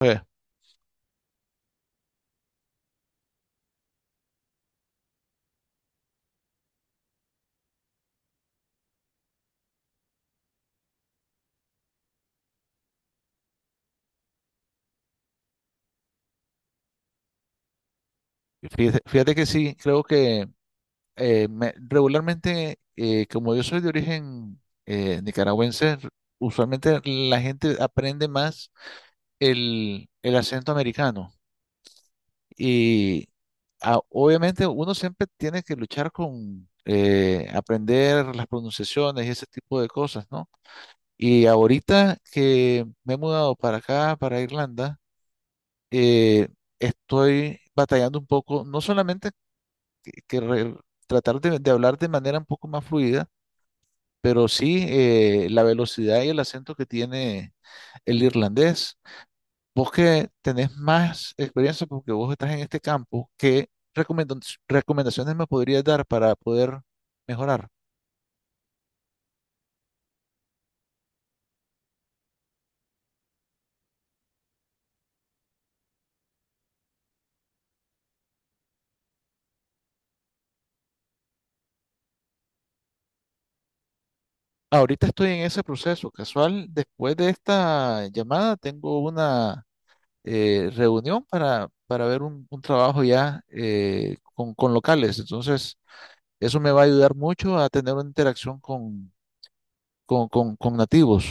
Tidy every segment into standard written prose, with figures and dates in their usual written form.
Eh, Fíjate, fíjate que sí, creo que regularmente, como yo soy de origen nicaragüense, usualmente la gente aprende más el acento americano. Y obviamente uno siempre tiene que luchar con aprender las pronunciaciones y ese tipo de cosas, ¿no? Y ahorita que me he mudado para acá, para Irlanda, eh, estoy batallando un poco, no solamente que re- tratar de hablar de manera un poco más fluida, pero sí la velocidad y el acento que tiene el irlandés. Vos que tenés más experiencia porque vos estás en este campo, ¿ recomendaciones me podrías dar para poder mejorar? Ahorita estoy en ese proceso casual. Después de esta llamada tengo una reunión para ver un trabajo ya con locales. Entonces... Eso me va a ayudar mucho a tener una interacción con nativos.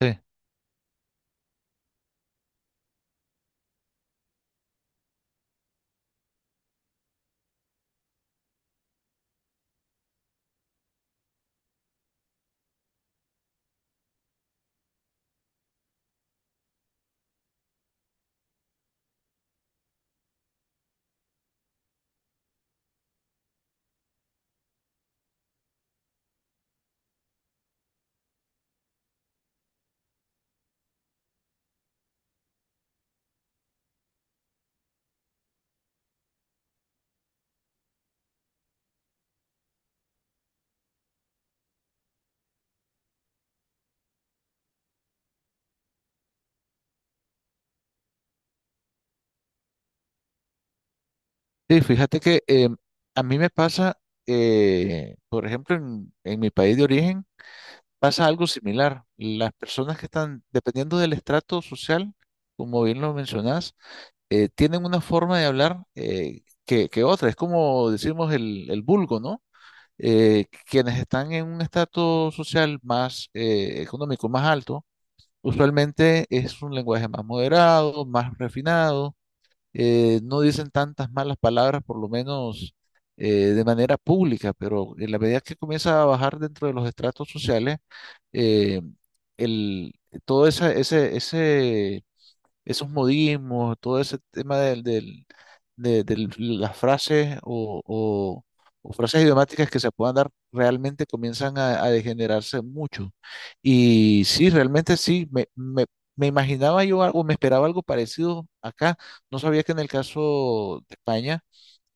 Sí, sí, fíjate que a mí me pasa, por ejemplo, en mi país de origen, pasa algo similar. Las personas que están, dependiendo del estrato social, como bien lo mencionás, tienen una forma de hablar que otra. Es como decimos el vulgo, ¿no? Quienes están en un estrato social más económico, más alto, usualmente es un lenguaje más moderado, más refinado, no dicen tantas malas palabras, por lo menos de manera pública, pero en la medida que comienza a bajar dentro de los estratos sociales, eh, el, todo esa- ese, esos modismos, todo ese tema de las frases o o frases idiomáticas que se puedan dar, realmente comienzan a degenerarse mucho. Y sí, realmente sí, me imaginaba yo algo, me esperaba algo parecido acá. No sabía que en el caso de España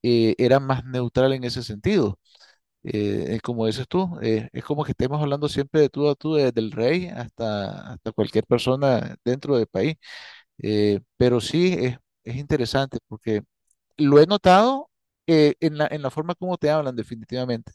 era más neutral en ese sentido. Como dices tú, es como que estemos hablando siempre de tú a tú, desde el rey hasta cualquier persona dentro del país. Pero sí es interesante porque lo he notado en en la forma como te hablan, definitivamente.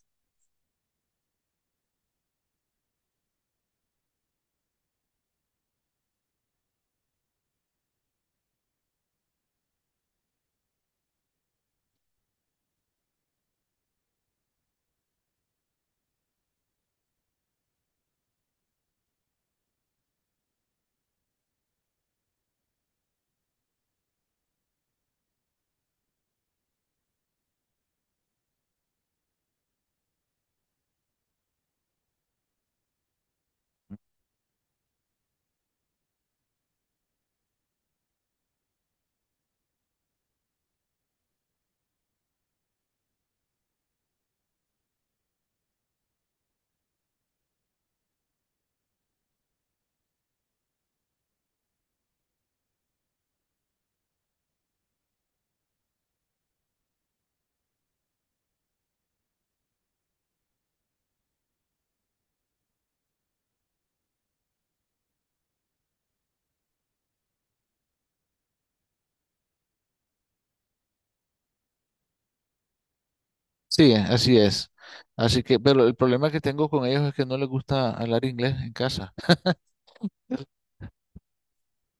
Sí, así es. Así que, pero el problema que tengo con ellos es que no les gusta hablar inglés en casa.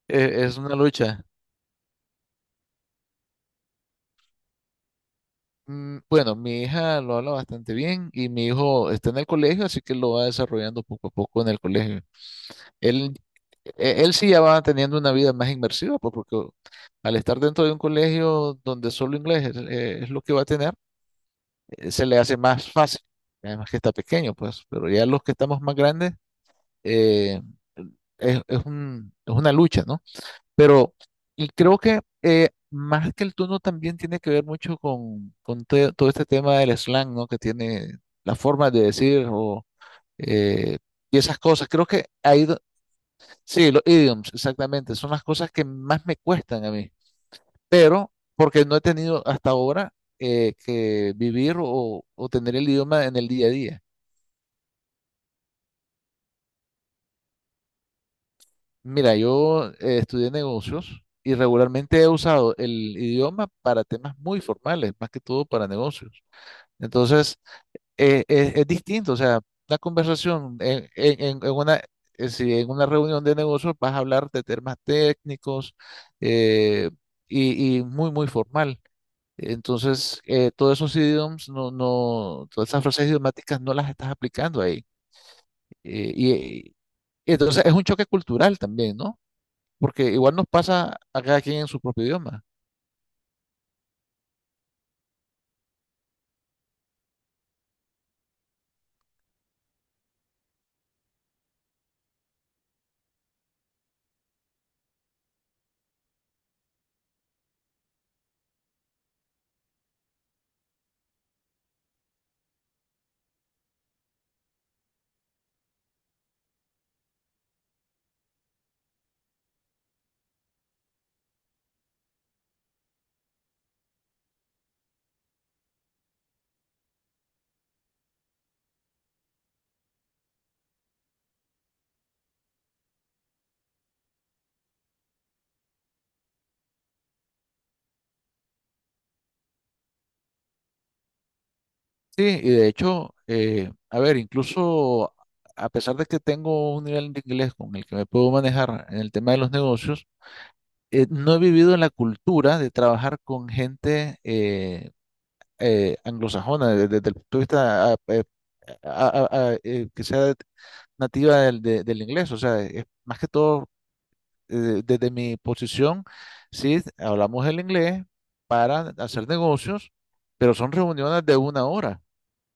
Es una lucha. Mm, bueno, mi hija lo habla bastante bien y mi hijo está en el colegio, así que lo va desarrollando poco a poco en el colegio. Él, él sí ya va teniendo una vida más inmersiva, pues, porque al estar dentro de un colegio donde solo inglés es lo que va a tener, se le hace más fácil, además que está pequeño, pues, pero ya los que estamos más grandes, eh, es es una lucha, ¿no? Pero y creo que más que el tono también tiene que ver mucho con, todo este tema del slang, ¿no? Que tiene la forma de decir o, eh, y esas cosas. Creo que ahí, sí, los idioms, exactamente, son las cosas que más me cuestan a mí pero porque no he tenido hasta ahora que vivir o tener el idioma en el día a día. Mira, yo estudié negocios y regularmente he usado el idioma para temas muy formales, más que todo para negocios. Entonces, es distinto, o sea, una conversación en una... si en una reunión de negocios vas a hablar de temas técnicos eh, y muy, muy formal. Entonces, todos esos idioms, no, no, todas esas frases idiomáticas no las estás aplicando ahí. Eh, y, y entonces es un choque cultural también, ¿no? Porque igual nos pasa a cada quien en su propio idioma. Sí, y de hecho, a ver, incluso a pesar de que tengo un nivel de inglés con el que me puedo manejar en el tema de los negocios, no he vivido la cultura de trabajar con gente anglosajona desde, desde el punto de vista que sea nativa del inglés, o sea, es más que todo desde mi posición, sí, hablamos el inglés para hacer negocios, pero son reuniones de una hora,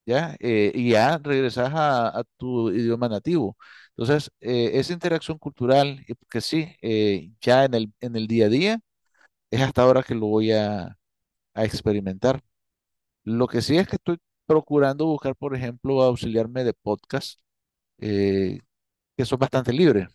¿ya? Y ya regresas a tu idioma nativo. Entonces, esa interacción cultural, que sí, ya en el día a día, es hasta ahora que lo voy a experimentar. Lo que sí es que estoy procurando buscar, por ejemplo, auxiliarme de podcasts eh, que son bastante libres.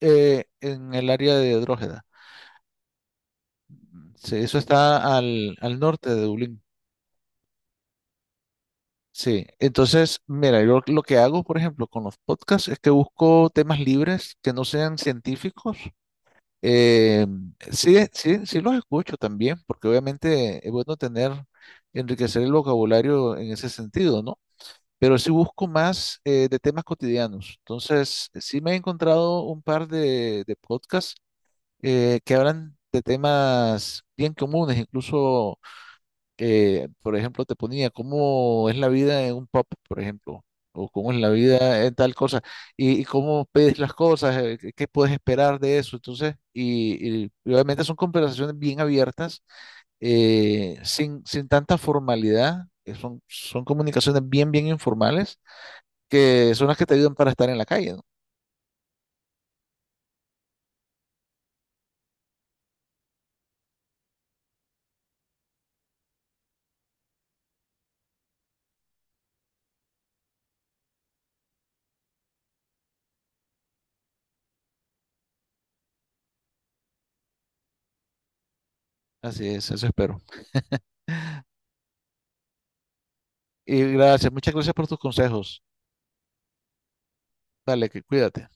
Eh, en el área de Drogheda. Sí, eso está al norte de Dublín. Sí, entonces, mira, yo lo que hago, por ejemplo, con los podcasts es que busco temas libres que no sean científicos. Eh, sí, sí, sí los escucho también, porque obviamente es bueno tener, enriquecer el vocabulario en ese sentido, ¿no? Pero sí busco más de temas cotidianos. Entonces, sí me he encontrado un par de podcasts que hablan de temas bien comunes, incluso, por ejemplo, te ponía cómo es la vida en un pop, por ejemplo, o cómo es la vida en tal cosa, y cómo pides las cosas, qué qué puedes esperar de eso. Entonces, y obviamente son conversaciones bien abiertas, sin tanta formalidad, que son comunicaciones bien, bien informales, que son las que te ayudan para estar en la calle, ¿no? Así es, eso espero. Y gracias, muchas gracias por tus consejos. Dale, que cuídate.